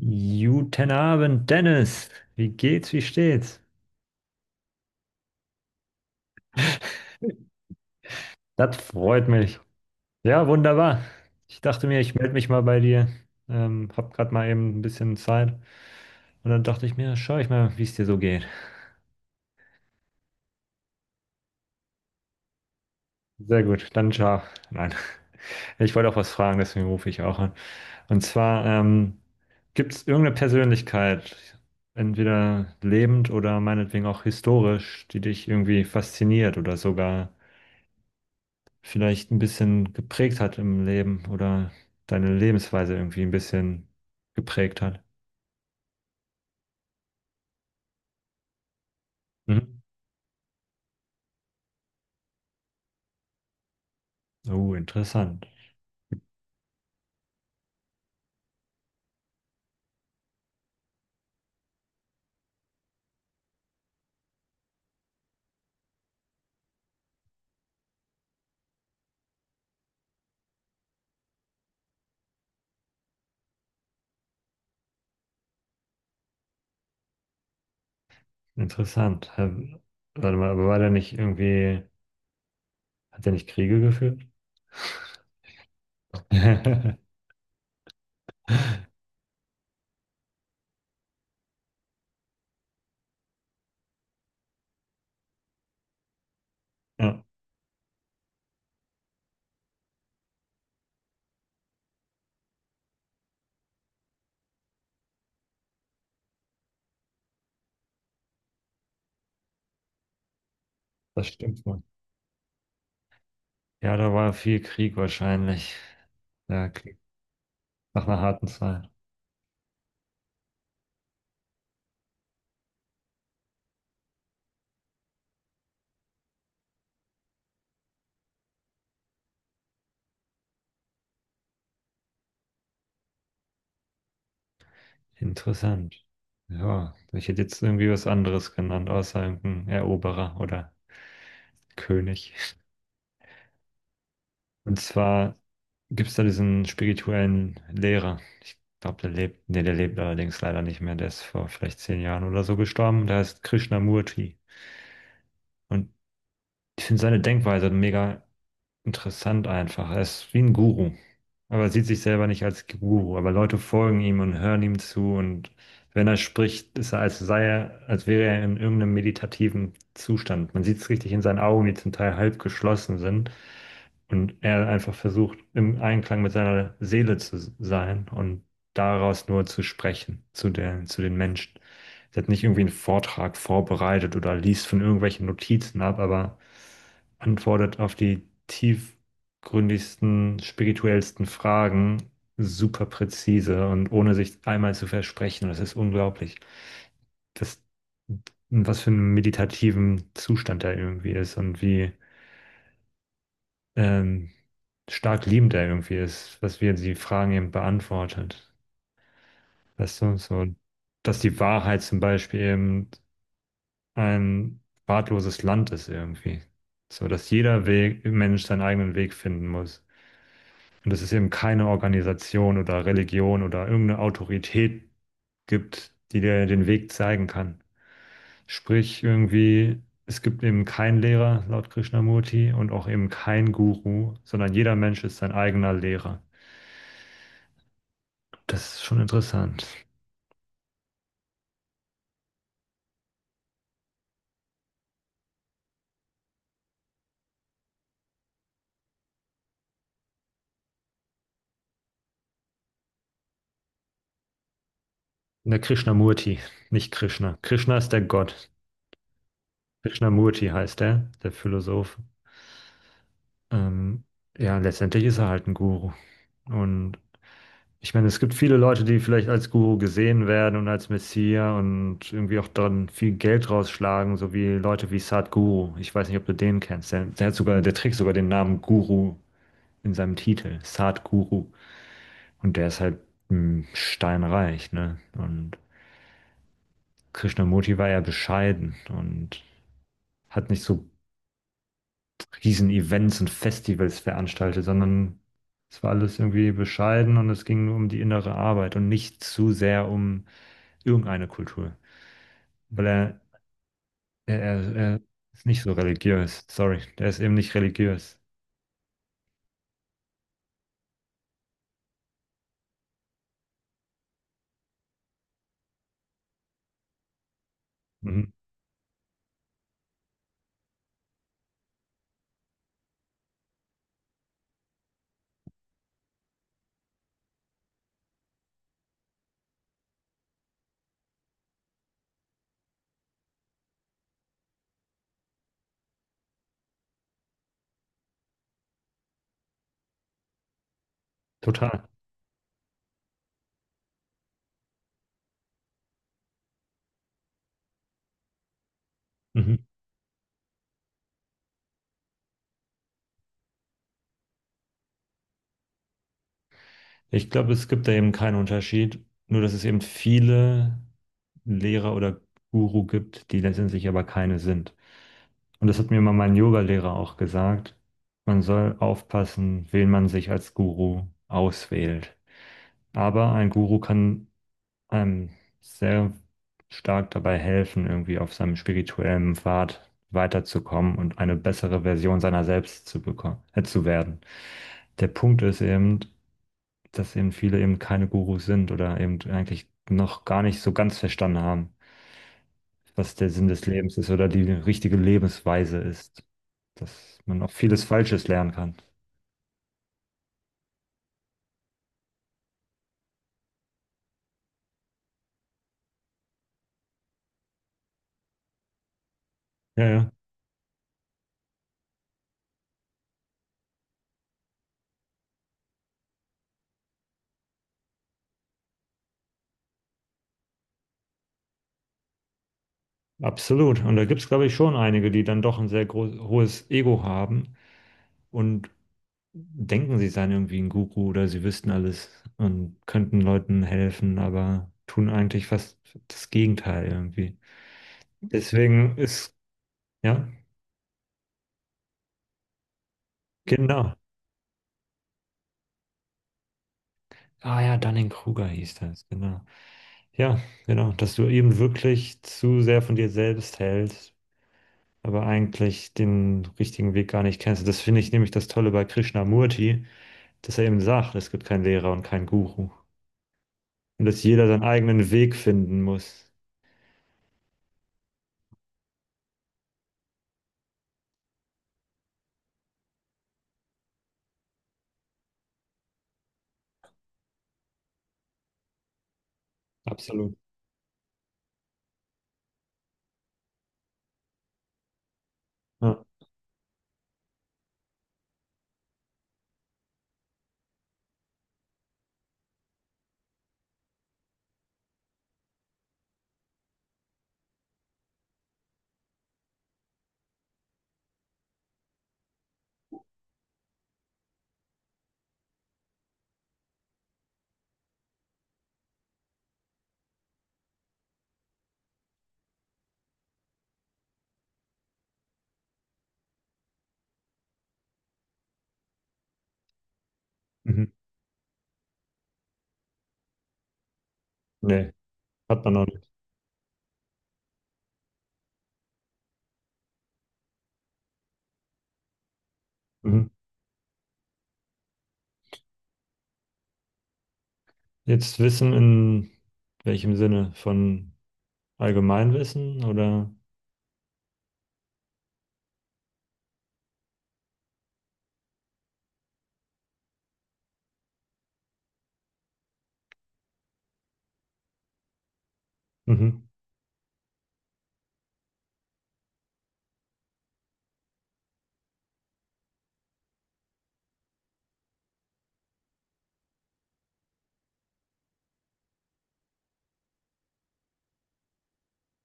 Guten Abend, Dennis. Wie geht's, wie steht's? Das freut mich. Ja, wunderbar. Ich dachte mir, ich melde mich mal bei dir. Hab grad mal eben ein bisschen Zeit. Und dann dachte ich mir, schau ich mal, wie es dir so geht. Sehr gut, dann ciao. Nein, ich wollte auch was fragen, deswegen rufe ich auch an. Und zwar, gibt es irgendeine Persönlichkeit, entweder lebend oder meinetwegen auch historisch, die dich irgendwie fasziniert oder sogar vielleicht ein bisschen geprägt hat im Leben oder deine Lebensweise irgendwie ein bisschen geprägt hat. Mhm. Oh, interessant. Interessant. Hä, warte mal, aber war der nicht irgendwie, hat der nicht Kriege geführt? Ja, das stimmt wohl. Ja, da war viel Krieg wahrscheinlich. Ja, Krieg nach einer harten Zeit. Interessant. Ja, ich hätte jetzt irgendwie was anderes genannt, außer irgendein Eroberer oder König. Und zwar, gibt es da diesen spirituellen Lehrer? Ich glaube, der lebt, nee, der lebt allerdings leider nicht mehr. Der ist vor vielleicht 10 Jahren oder so gestorben. Der heißt Krishnamurti. Und ich finde seine Denkweise mega interessant einfach. Er ist wie ein Guru. Aber sieht sich selber nicht als Guru. Aber Leute folgen ihm und hören ihm zu. Und wenn er spricht, ist er, als sei er, als wäre er in irgendeinem meditativen Zustand. Man sieht es richtig in seinen Augen, die zum Teil halb geschlossen sind. Und er einfach versucht, im Einklang mit seiner Seele zu sein und daraus nur zu sprechen zu der, zu den Menschen. Er hat nicht irgendwie einen Vortrag vorbereitet oder liest von irgendwelchen Notizen ab, aber antwortet auf die tiefgründigsten, spirituellsten Fragen super präzise und ohne sich einmal zu versprechen. Das ist unglaublich. Das, was für einen meditativen Zustand er irgendwie ist und wie ähm, stark liebend er irgendwie ist, was wir die Fragen eben beantwortet. Weißt du, so, dass die Wahrheit zum Beispiel eben ein wahlloses Land ist irgendwie. So, dass jeder Weg, Mensch seinen eigenen Weg finden muss. Und dass es eben keine Organisation oder Religion oder irgendeine Autorität gibt, die dir den Weg zeigen kann. Sprich, irgendwie, es gibt eben keinen Lehrer laut Krishnamurti und auch eben keinen Guru, sondern jeder Mensch ist sein eigener Lehrer. Das ist schon interessant. Der Krishnamurti, nicht Krishna. Krishna ist der Gott. Krishnamurti heißt er, der Philosoph. Ähm, ja, letztendlich ist er halt ein Guru. Und ich meine, es gibt viele Leute, die vielleicht als Guru gesehen werden und als Messias und irgendwie auch dann viel Geld rausschlagen, so wie Leute wie Sadhguru. Ich weiß nicht, ob du den kennst. Der hat sogar, der trägt sogar den Namen Guru in seinem Titel, Sadhguru. Und der ist halt mh, steinreich, ne? Und Krishnamurti war ja bescheiden und hat nicht so riesen Events und Festivals veranstaltet, sondern es war alles irgendwie bescheiden und es ging nur um die innere Arbeit und nicht zu sehr um irgendeine Kultur. Weil er, er ist nicht so religiös. Sorry, der ist eben nicht religiös. Mhm. Total. Mhm. Ich glaube, es gibt da eben keinen Unterschied, nur dass es eben viele Lehrer oder Guru gibt, die letztendlich aber keine sind. Und das hat mir mal mein Yoga-Lehrer auch gesagt. Man soll aufpassen, wen man sich als Guru auswählt. Aber ein Guru kann einem sehr stark dabei helfen, irgendwie auf seinem spirituellen Pfad weiterzukommen und eine bessere Version seiner selbst zu bekommen, zu werden. Der Punkt ist eben, dass eben viele eben keine Gurus sind oder eben eigentlich noch gar nicht so ganz verstanden haben, was der Sinn des Lebens ist oder die richtige Lebensweise ist, dass man auch vieles Falsches lernen kann. Ja, ja, absolut. Und da gibt es, glaube ich, schon einige, die dann doch ein sehr groß, hohes Ego haben und denken, sie seien irgendwie ein Guru oder sie wüssten alles und könnten Leuten helfen, aber tun eigentlich fast das Gegenteil irgendwie. Deswegen ist, ja, genau. Ah ja, Dunning-Kruger hieß das, genau. Ja, genau, dass du eben wirklich zu sehr von dir selbst hältst, aber eigentlich den richtigen Weg gar nicht kennst. Das finde ich nämlich das Tolle bei Krishnamurti, dass er eben sagt, es gibt keinen Lehrer und keinen Guru. Und dass jeder seinen eigenen Weg finden muss. Absolut. Ja. Mhm. Nee. Hat man noch nicht. Mhm. Jetzt Wissen in welchem Sinne? Von Allgemeinwissen oder? Mhm.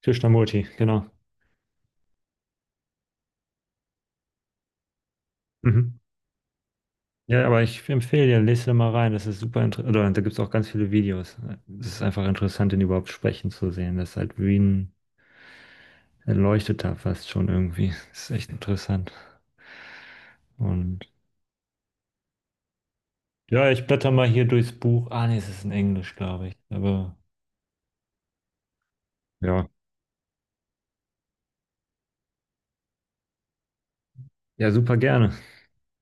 Krishnamurti, genau. Mhm. Ja, aber ich empfehle dir, lese da mal rein. Das ist super interessant. Oder da gibt es auch ganz viele Videos. Es ist einfach interessant, den überhaupt sprechen zu sehen. Das ist halt wie ein Erleuchteter fast schon irgendwie. Das ist echt interessant. Und ja, ich blätter mal hier durchs Buch. Ah, nee, es ist in Englisch, glaube ich. Aber ja, ja, super gerne.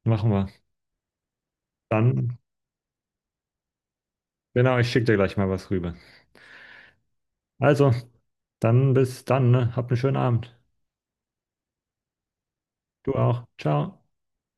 Machen wir. Dann. Genau, ich schicke dir gleich mal was rüber. Also, dann bis dann, ne? Habt einen schönen Abend. Du auch. Ciao.